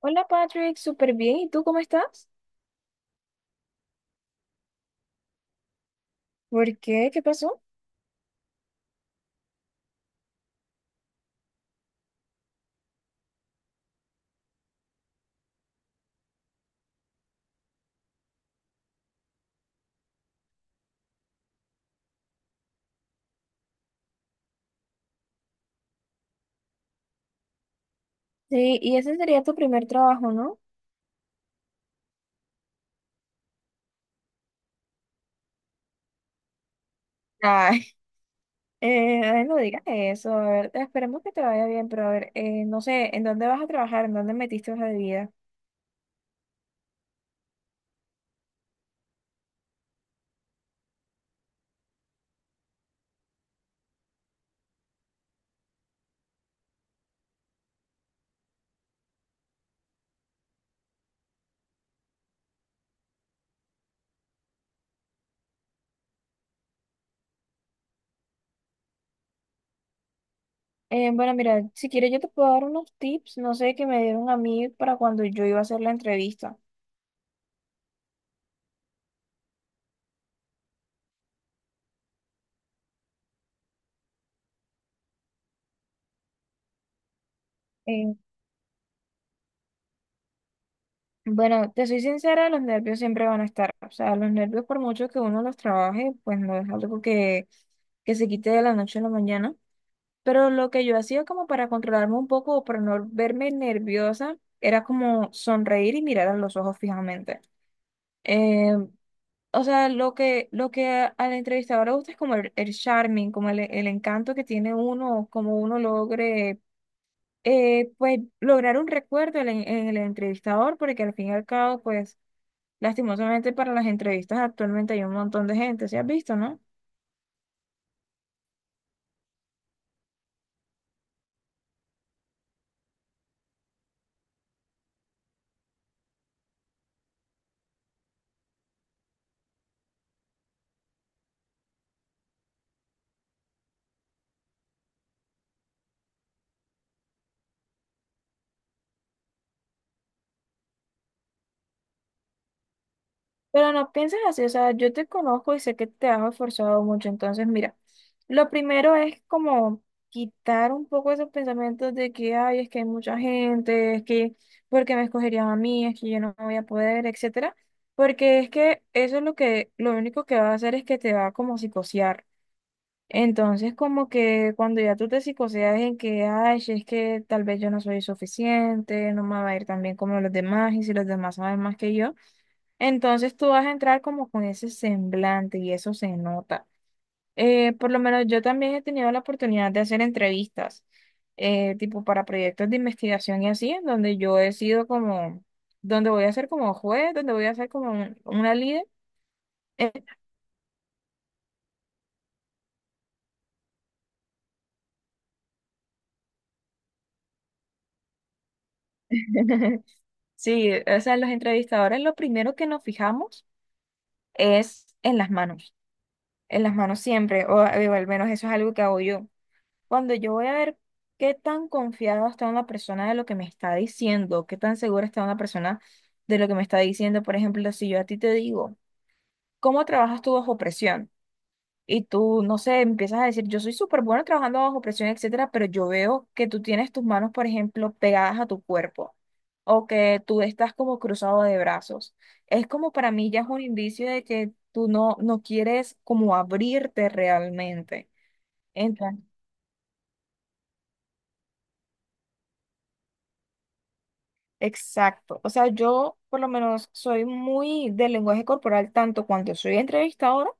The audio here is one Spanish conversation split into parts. Hola Patrick, súper bien. ¿Y tú cómo estás? ¿Por qué? ¿Qué pasó? Sí, y ese sería tu primer trabajo, ¿no? Ay, Ay, no digas eso. A ver, esperemos que te vaya bien, pero a ver, no sé, ¿en dónde vas a trabajar? ¿En dónde metiste hoja de vida? Bueno, mira, si quieres yo te puedo dar unos tips, no sé, que me dieron a mí para cuando yo iba a hacer la entrevista. Eh, bueno, te soy sincera, los nervios siempre van a estar. O sea, los nervios por mucho que uno los trabaje, pues no es algo que se quite de la noche a la mañana. Pero lo que yo hacía como para controlarme un poco o para no verme nerviosa era como sonreír y mirar a los ojos fijamente. Eh, o sea, lo que al entrevistador le gusta es como el charming, como el encanto que tiene uno, como uno logre, lograr un recuerdo en el entrevistador, porque al fin y al cabo, pues, lastimosamente para las entrevistas actualmente hay un montón de gente, ¿se has visto, no? Pero no pienses así, o sea, yo te conozco y sé que te has esforzado mucho, entonces mira, lo primero es como quitar un poco esos pensamientos de que, ay, es que hay mucha gente, ¿porque me escogerían a mí? Es que yo no voy a poder, etcétera, porque es que eso es lo que, lo único que va a hacer es que te va a como a psicosear. Entonces, como que cuando ya tú te psicoseas en que, ay, si es que tal vez yo no soy suficiente, no me va a ir tan bien como los demás, y si los demás saben más que yo. Entonces tú vas a entrar como con ese semblante y eso se nota. Por lo menos yo también he tenido la oportunidad de hacer entrevistas, tipo para proyectos de investigación y así, en donde yo he sido como, donde voy a ser como juez, donde voy a ser como una líder. Sí, o sea, los entrevistadores lo primero que nos fijamos es en las manos siempre, o al menos eso es algo que hago yo. Cuando yo voy a ver qué tan confiado está una persona de lo que me está diciendo, qué tan segura está una persona de lo que me está diciendo, por ejemplo, si yo a ti te digo, ¿cómo trabajas tú bajo presión? Y tú, no sé, empiezas a decir, yo soy súper bueno trabajando bajo presión, etcétera, pero yo veo que tú tienes tus manos, por ejemplo, pegadas a tu cuerpo o que tú estás como cruzado de brazos. Es como para mí ya es un indicio de que tú no, no quieres como abrirte realmente. Exacto. O sea, yo por lo menos soy muy del lenguaje corporal tanto cuando soy entrevistadora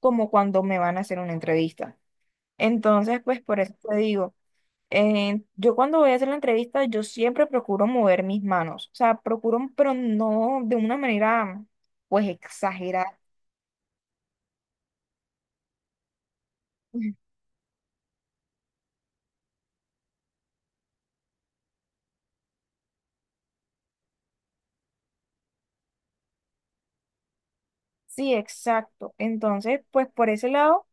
como cuando me van a hacer una entrevista. Entonces, pues por eso te digo, yo cuando voy a hacer la entrevista, yo siempre procuro mover mis manos. O sea, procuro, pero no de una manera pues exagerada. Sí, exacto. Entonces, pues por ese lado,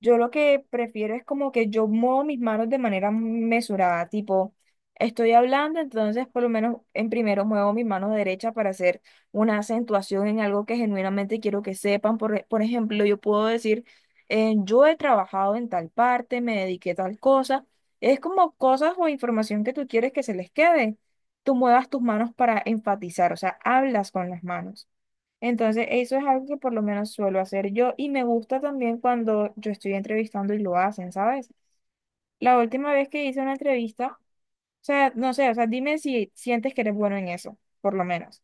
yo lo que prefiero es como que yo muevo mis manos de manera mesurada, tipo, estoy hablando, entonces por lo menos en primero muevo mis manos derecha para hacer una acentuación en algo que genuinamente quiero que sepan. Por, por ejemplo, yo puedo decir, yo he trabajado en tal parte, me dediqué a tal cosa. Es como cosas o información que tú quieres que se les quede. Tú muevas tus manos para enfatizar, o sea, hablas con las manos. Entonces, eso es algo que por lo menos suelo hacer yo y me gusta también cuando yo estoy entrevistando y lo hacen, ¿sabes? La última vez que hice una entrevista, o sea, no sé, o sea, dime si sientes que eres bueno en eso, por lo menos.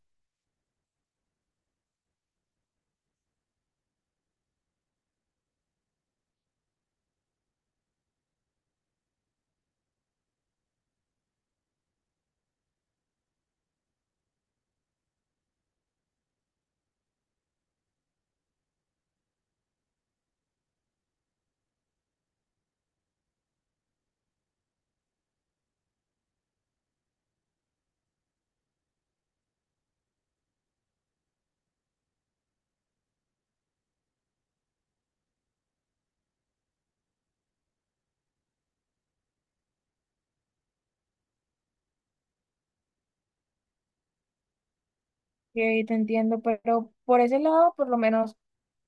Que te entiendo, pero por ese lado, por lo menos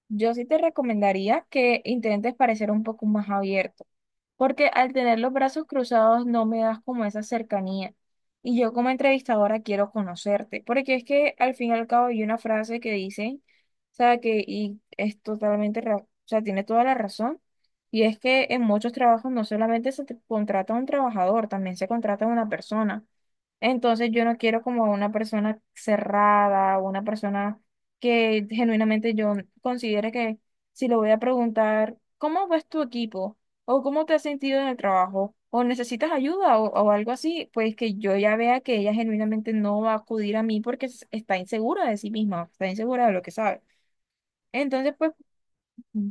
yo sí te recomendaría que intentes parecer un poco más abierto, porque al tener los brazos cruzados no me das como esa cercanía. Y yo como entrevistadora quiero conocerte, porque es que al fin y al cabo hay una frase que dice, o sea, que y es totalmente, o sea, tiene toda la razón, y es que en muchos trabajos no solamente se te contrata a un trabajador, también se contrata a una persona. Entonces yo no quiero como una persona cerrada, una persona que genuinamente yo considere que si le voy a preguntar, ¿cómo ves tu equipo? ¿O cómo te has sentido en el trabajo? ¿O necesitas ayuda o algo así? Pues que yo ya vea que ella genuinamente no va a acudir a mí porque está insegura de sí misma, está insegura de lo que sabe. Entonces, pues, mm,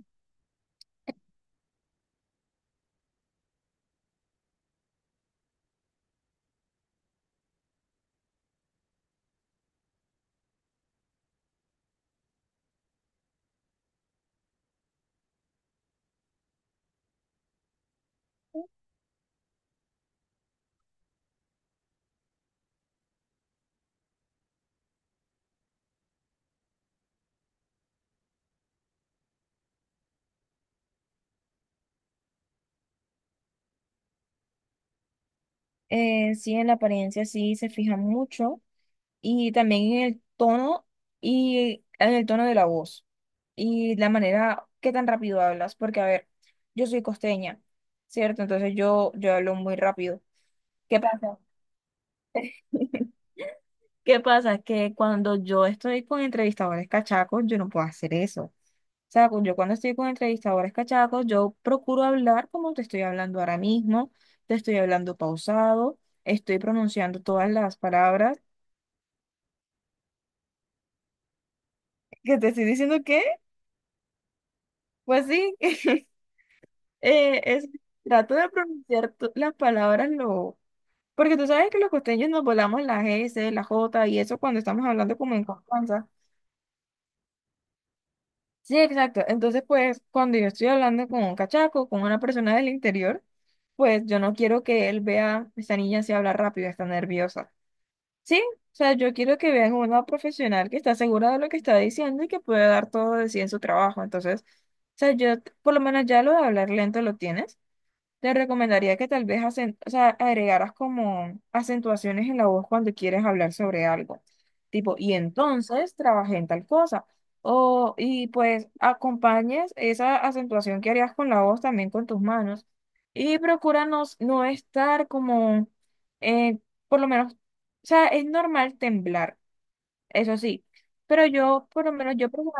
sí, en la apariencia sí se fija mucho. Y también en el tono y en el tono de la voz y la manera que tan rápido hablas, porque a ver, yo soy costeña, ¿cierto? Entonces yo hablo muy rápido. ¿Qué pasa? ¿Qué pasa? Que cuando yo estoy con entrevistadores cachacos, yo no puedo hacer eso. O sea, yo cuando estoy con entrevistadores cachacos, yo procuro hablar como te estoy hablando ahora mismo, te estoy hablando pausado, estoy pronunciando todas las palabras. Que te estoy diciendo que, pues sí. Eh, es, Trato de pronunciar las palabras lo... Porque tú sabes que los costeños nos volamos las S, la J y eso cuando estamos hablando como en confianza. Sí, exacto. Entonces, pues, cuando yo estoy hablando con un cachaco, con una persona del interior, pues yo no quiero que él vea, esta niña se habla rápido, está nerviosa. Sí, o sea, yo quiero que vean una profesional que está segura de lo que está diciendo y que puede dar todo de sí en su trabajo. Entonces, o sea, yo por lo menos ya lo de hablar lento lo tienes. Te recomendaría que tal vez o sea, agregaras como acentuaciones en la voz cuando quieres hablar sobre algo. Tipo, y entonces trabajé en tal cosa. O, y pues acompañes esa acentuación que harías con la voz también con tus manos. Y procura no, no estar como, eh, o sea, es normal temblar, eso sí. Pero yo, por lo menos, yo procuro.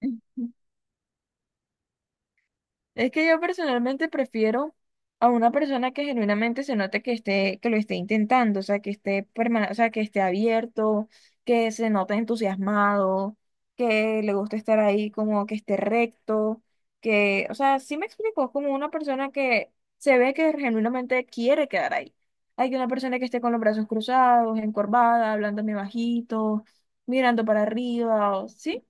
Es que yo personalmente prefiero a una persona que genuinamente se note que esté, que lo esté intentando, o sea, que esté o sea, que esté abierto, que se note entusiasmado, que le guste estar ahí, como que esté recto, que, o sea, sí me explico, como una persona que se ve que genuinamente quiere quedar ahí. Hay que una persona que esté con los brazos cruzados, encorvada, hablando muy bajito, mirando para arriba, o- ¿sí?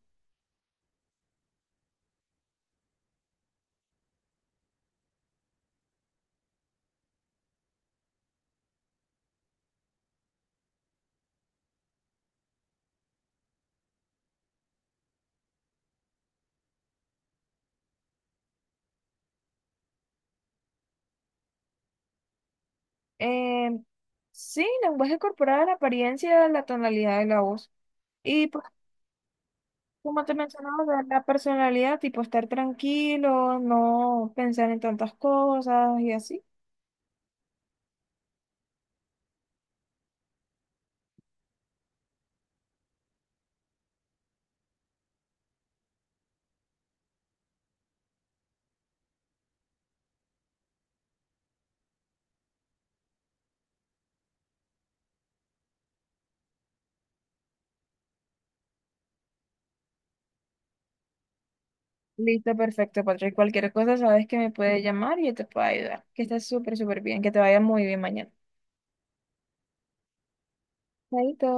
Em, sí, lenguaje corporal, apariencia, la tonalidad de la voz. Y pues, como te mencionaba, la personalidad, tipo estar tranquilo, no pensar en tantas cosas y así. Listo, perfecto, Patrick. Cualquier cosa sabes que me puedes llamar y yo te puedo ayudar. Que estés súper, súper bien, que te vaya muy bien mañana. Chaito.